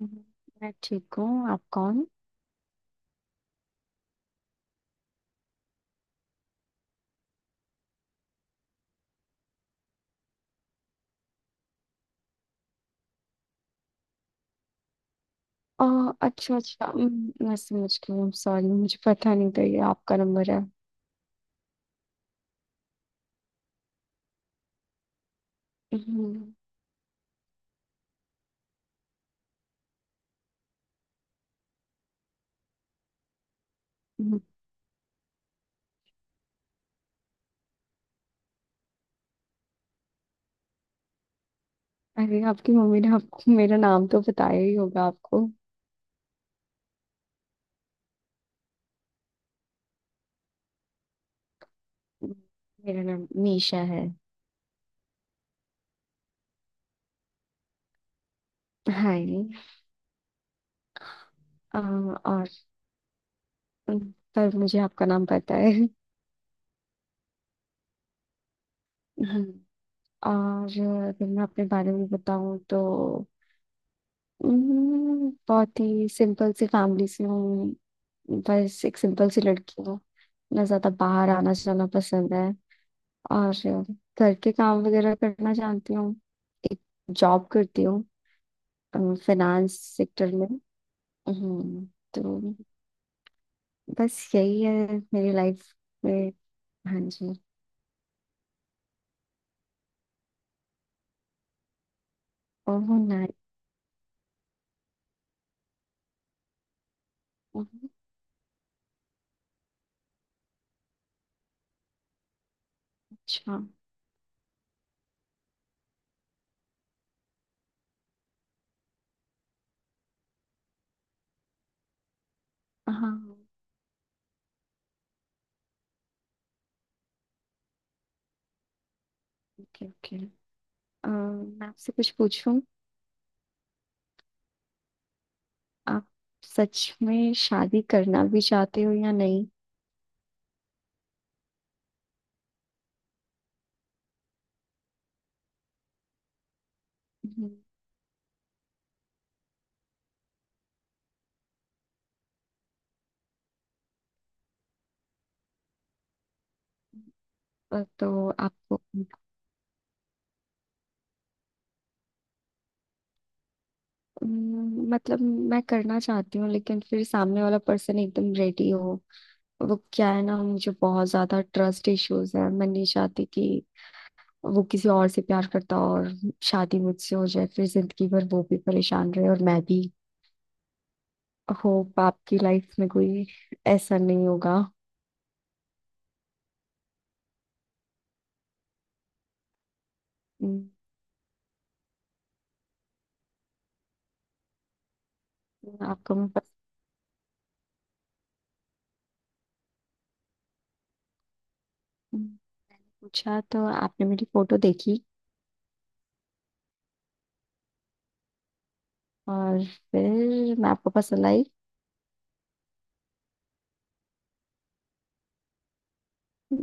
हम्म, मैं ठीक हूँ। आप कौन? आ, अच्छा, अच्छा। मैं समझ गई। सॉरी, मुझे पता नहीं था ये आपका नंबर है। हम्म। हम्म। अरे, आपकी मम्मी ने आपको मेरा नाम तो बताया ही होगा आपको। हम्म। मेरा नाम मीशा है। हाय। और, पर मुझे आपका नाम पता है। हम्म, और अगर मैं अपने बारे में बताऊं तो बहुत ही सिंपल सी फैमिली से हूँ। बस एक सिंपल सी लड़की हूँ। ना ज्यादा बाहर आना जाना पसंद है, और घर के काम वगैरह करना जानती हूँ। एक जॉब करती हूँ, फाइनेंस सेक्टर में। हम्म, तो बस यही है मेरी लाइफ में। हाँ जी। ओह, नाइस। अच्छा। हाँ। Okay, okay. मैं आपसे कुछ पूछूं? आप सच में शादी करना भी चाहते हो या नहीं? हम्म। तो आपको, मतलब मैं करना चाहती हूँ, लेकिन फिर सामने वाला पर्सन एकदम रेडी हो। वो क्या है ना, मुझे बहुत ज्यादा ट्रस्ट इश्यूज है। मैं नहीं चाहती कि वो किसी और से प्यार करता हो और शादी मुझसे हो जाए, फिर जिंदगी भर वो भी परेशान रहे और मैं भी। होप आपकी लाइफ में कोई ऐसा नहीं होगा। हम्म, आपको मैं पस- हम्म, पूछा तो आपने मेरी फोटो देखी, और फिर मैं आपको पसंद आई?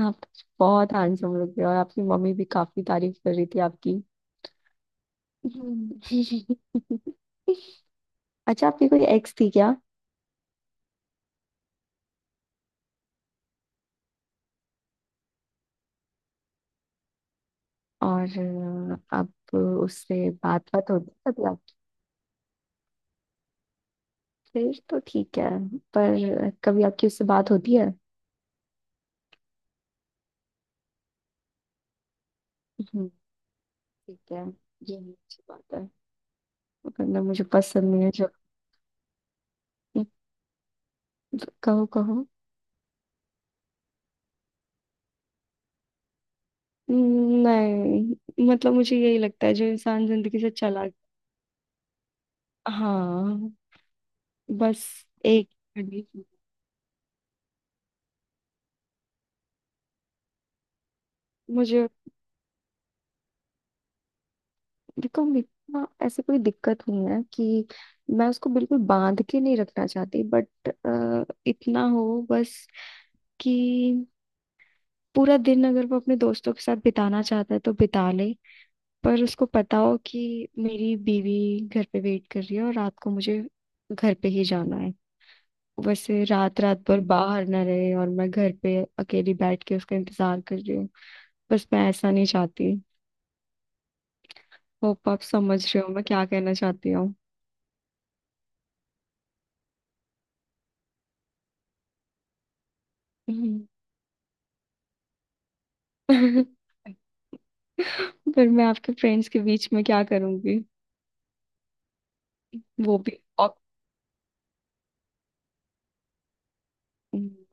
आप बहुत हैंडसम लग रहे हो, और आपकी मम्मी भी काफी तारीफ कर रही थी आपकी। हम्म। अच्छा, आपकी कोई एक्स थी क्या? और अब उससे बात बात होती है कभी आप? फिर तो ठीक है। पर कभी आपकी उससे बात होती है? हम्म, ठीक है। ये भी अच्छी बात है। वरना मुझे पसंद नहीं है जब। कहो, कहो। नहीं, मतलब मुझे यही लगता है जो इंसान जिंदगी से चला। हाँ। बस एक condition। मुझे देखो, मेरे को ना ऐसी कोई दिक्कत नहीं है कि मैं उसको बिल्कुल बांध के नहीं रखना चाहती, बट इतना हो बस कि पूरा दिन अगर वो अपने दोस्तों के साथ बिताना चाहता है तो बिता ले, पर उसको पता हो कि मेरी बीवी घर पे वेट कर रही है और रात को मुझे घर पे ही जाना है। वैसे, रात रात भर बाहर ना रहे और मैं घर पे अकेली बैठ के उसका इंतजार कर रही हूँ। बस, मैं ऐसा नहीं चाहती। होप आप समझ रहे हो मैं क्या कहना चाहती हूँ। हम्म। फिर मैं आपके फ्रेंड्स के बीच में क्या करूंगी? वो भी, और,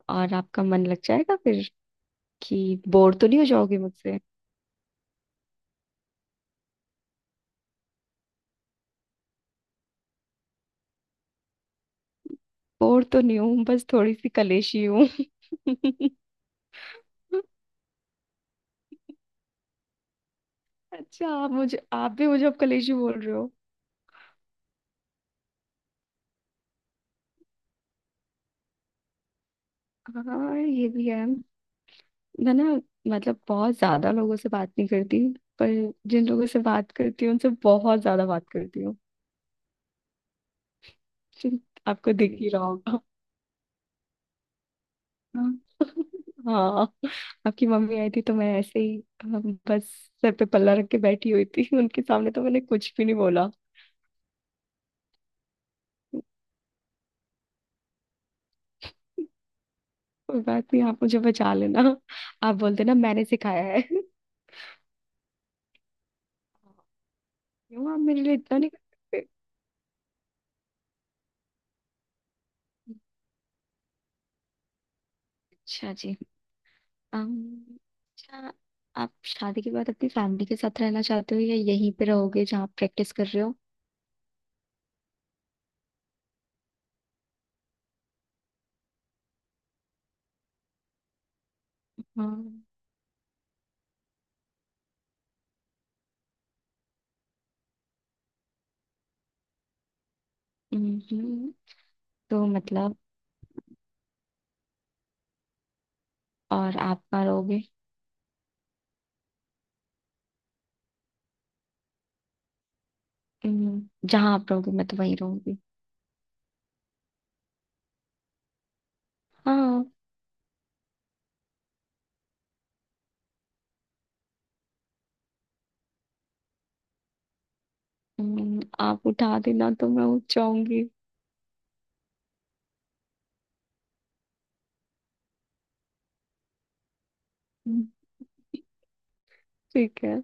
और आपका मन लग जाएगा फिर, कि बोर तो नहीं हो जाओगे मुझसे? बोर तो नहीं हूँ, बस थोड़ी सी कलेशी हूँ। अच्छा, आप भी मुझे अब कलेशी बोल रहे हो। हाँ, ये भी है। मैं ना, मतलब बहुत ज्यादा लोगों से बात नहीं करती, पर जिन लोगों से बात करती हूँ उनसे बहुत ज्यादा बात करती हूँ। आपको दिख ही रहा होगा। हाँ। हाँ, आपकी मम्मी आई थी तो मैं ऐसे ही बस सर पे पल्ला रख के बैठी हुई थी। उनके सामने तो मैंने कुछ भी नहीं बोला। कोई बात नहीं, आप मुझे बचा लेना। आप बोल देना मैंने सिखाया है। क्यों, आप मेरे लिए इतना नहीं कर सकते? अच्छा जी। अम, अच्छा, आप शादी के बाद अपनी फैमिली के साथ रहना चाहते हो या यहीं पे रहोगे जहाँ आप प्रैक्टिस कर रहे हो? हाँ। हम्म, तो मतलब, और आप कहाँ रहोगे? जहाँ आप रहोगे मैं तो वहीं रहूंगी। हाँ। आप उठा देना तो मैं उठ जाऊंगी। हम्म, ठीक है।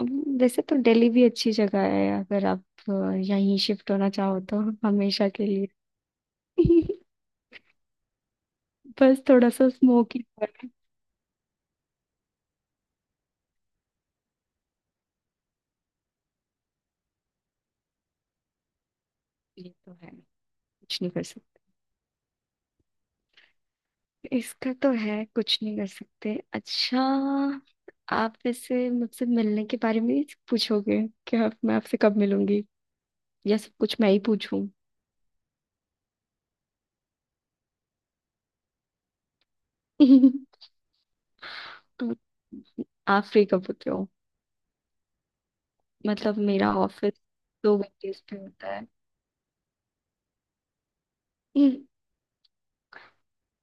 वैसे तो दिल्ली भी अच्छी जगह है, अगर आप यहीं शिफ्ट होना चाहो तो, हमेशा के लिए। बस थोड़ा सा स्मोकी है। ये तो है, कुछ नहीं कर सकते। इसका तो है, कुछ नहीं कर सकते। अच्छा, आप वैसे मुझसे मिलने के बारे में ही पूछोगे कि आप मैं आपसे कब मिलूंगी, या सब कुछ मैं ही पूछूं? आप फ्री कब होते हो? मतलब मेरा ऑफिस 2 वीकडेज पे होता है।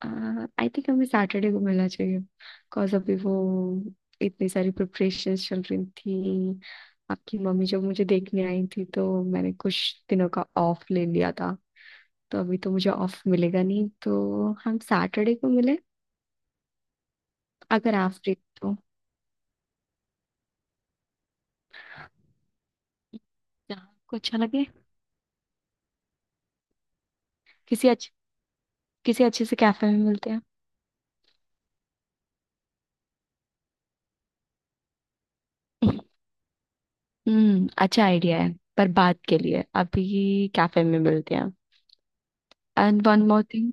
आई थिंक हमें सैटरडे को मिलना चाहिए, बिकॉज अभी वो इतनी सारी प्रिपरेशन चल रही थी, आपकी मम्मी जब मुझे देखने आई थी तो मैंने कुछ दिनों का ऑफ ले लिया था, तो अभी तो मुझे ऑफ मिलेगा नहीं, तो हम सैटरडे को मिले, अगर आप फ्री हो तो। जहाँ आपको अच्छा लगे। किसी अच्छे किसी अच्छे से कैफे में मिलते हैं। हम्म, अच्छा आइडिया है, पर बात के लिए अभी कैफे में मिलते हैं। एंड वन मोर थिंग,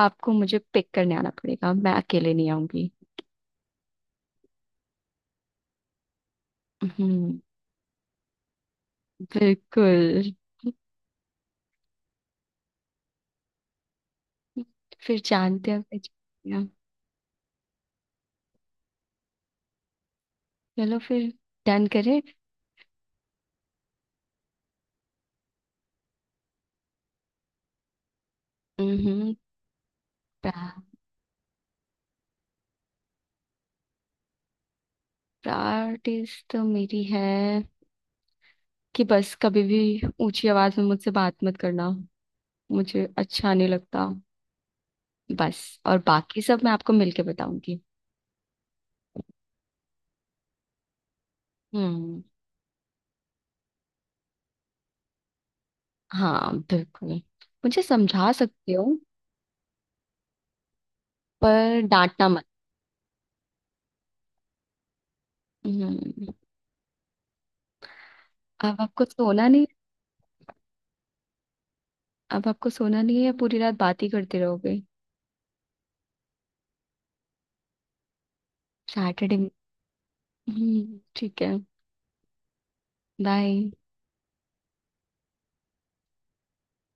आपको मुझे पिक करने आना पड़ेगा, मैं अकेले नहीं आऊंगी। हम्म। बिल्कुल। फिर जानते हैं, पहचानते हैं। चलो फिर, डन करें। हम्म। प्रायोरिटीज तो मेरी है कि बस कभी भी ऊंची आवाज में मुझसे बात मत करना, मुझे अच्छा नहीं लगता। बस। और बाकी सब मैं आपको मिलके बताऊंगी। हम्म। हाँ, बिल्कुल। मुझे समझा सकते हो, पर डांटना मत। हम्म। अब आपको सोना नहीं अब आपको सोना नहीं है या पूरी रात बात ही करते रहोगे? सैटरडे। हम्म, ठीक है। बाय।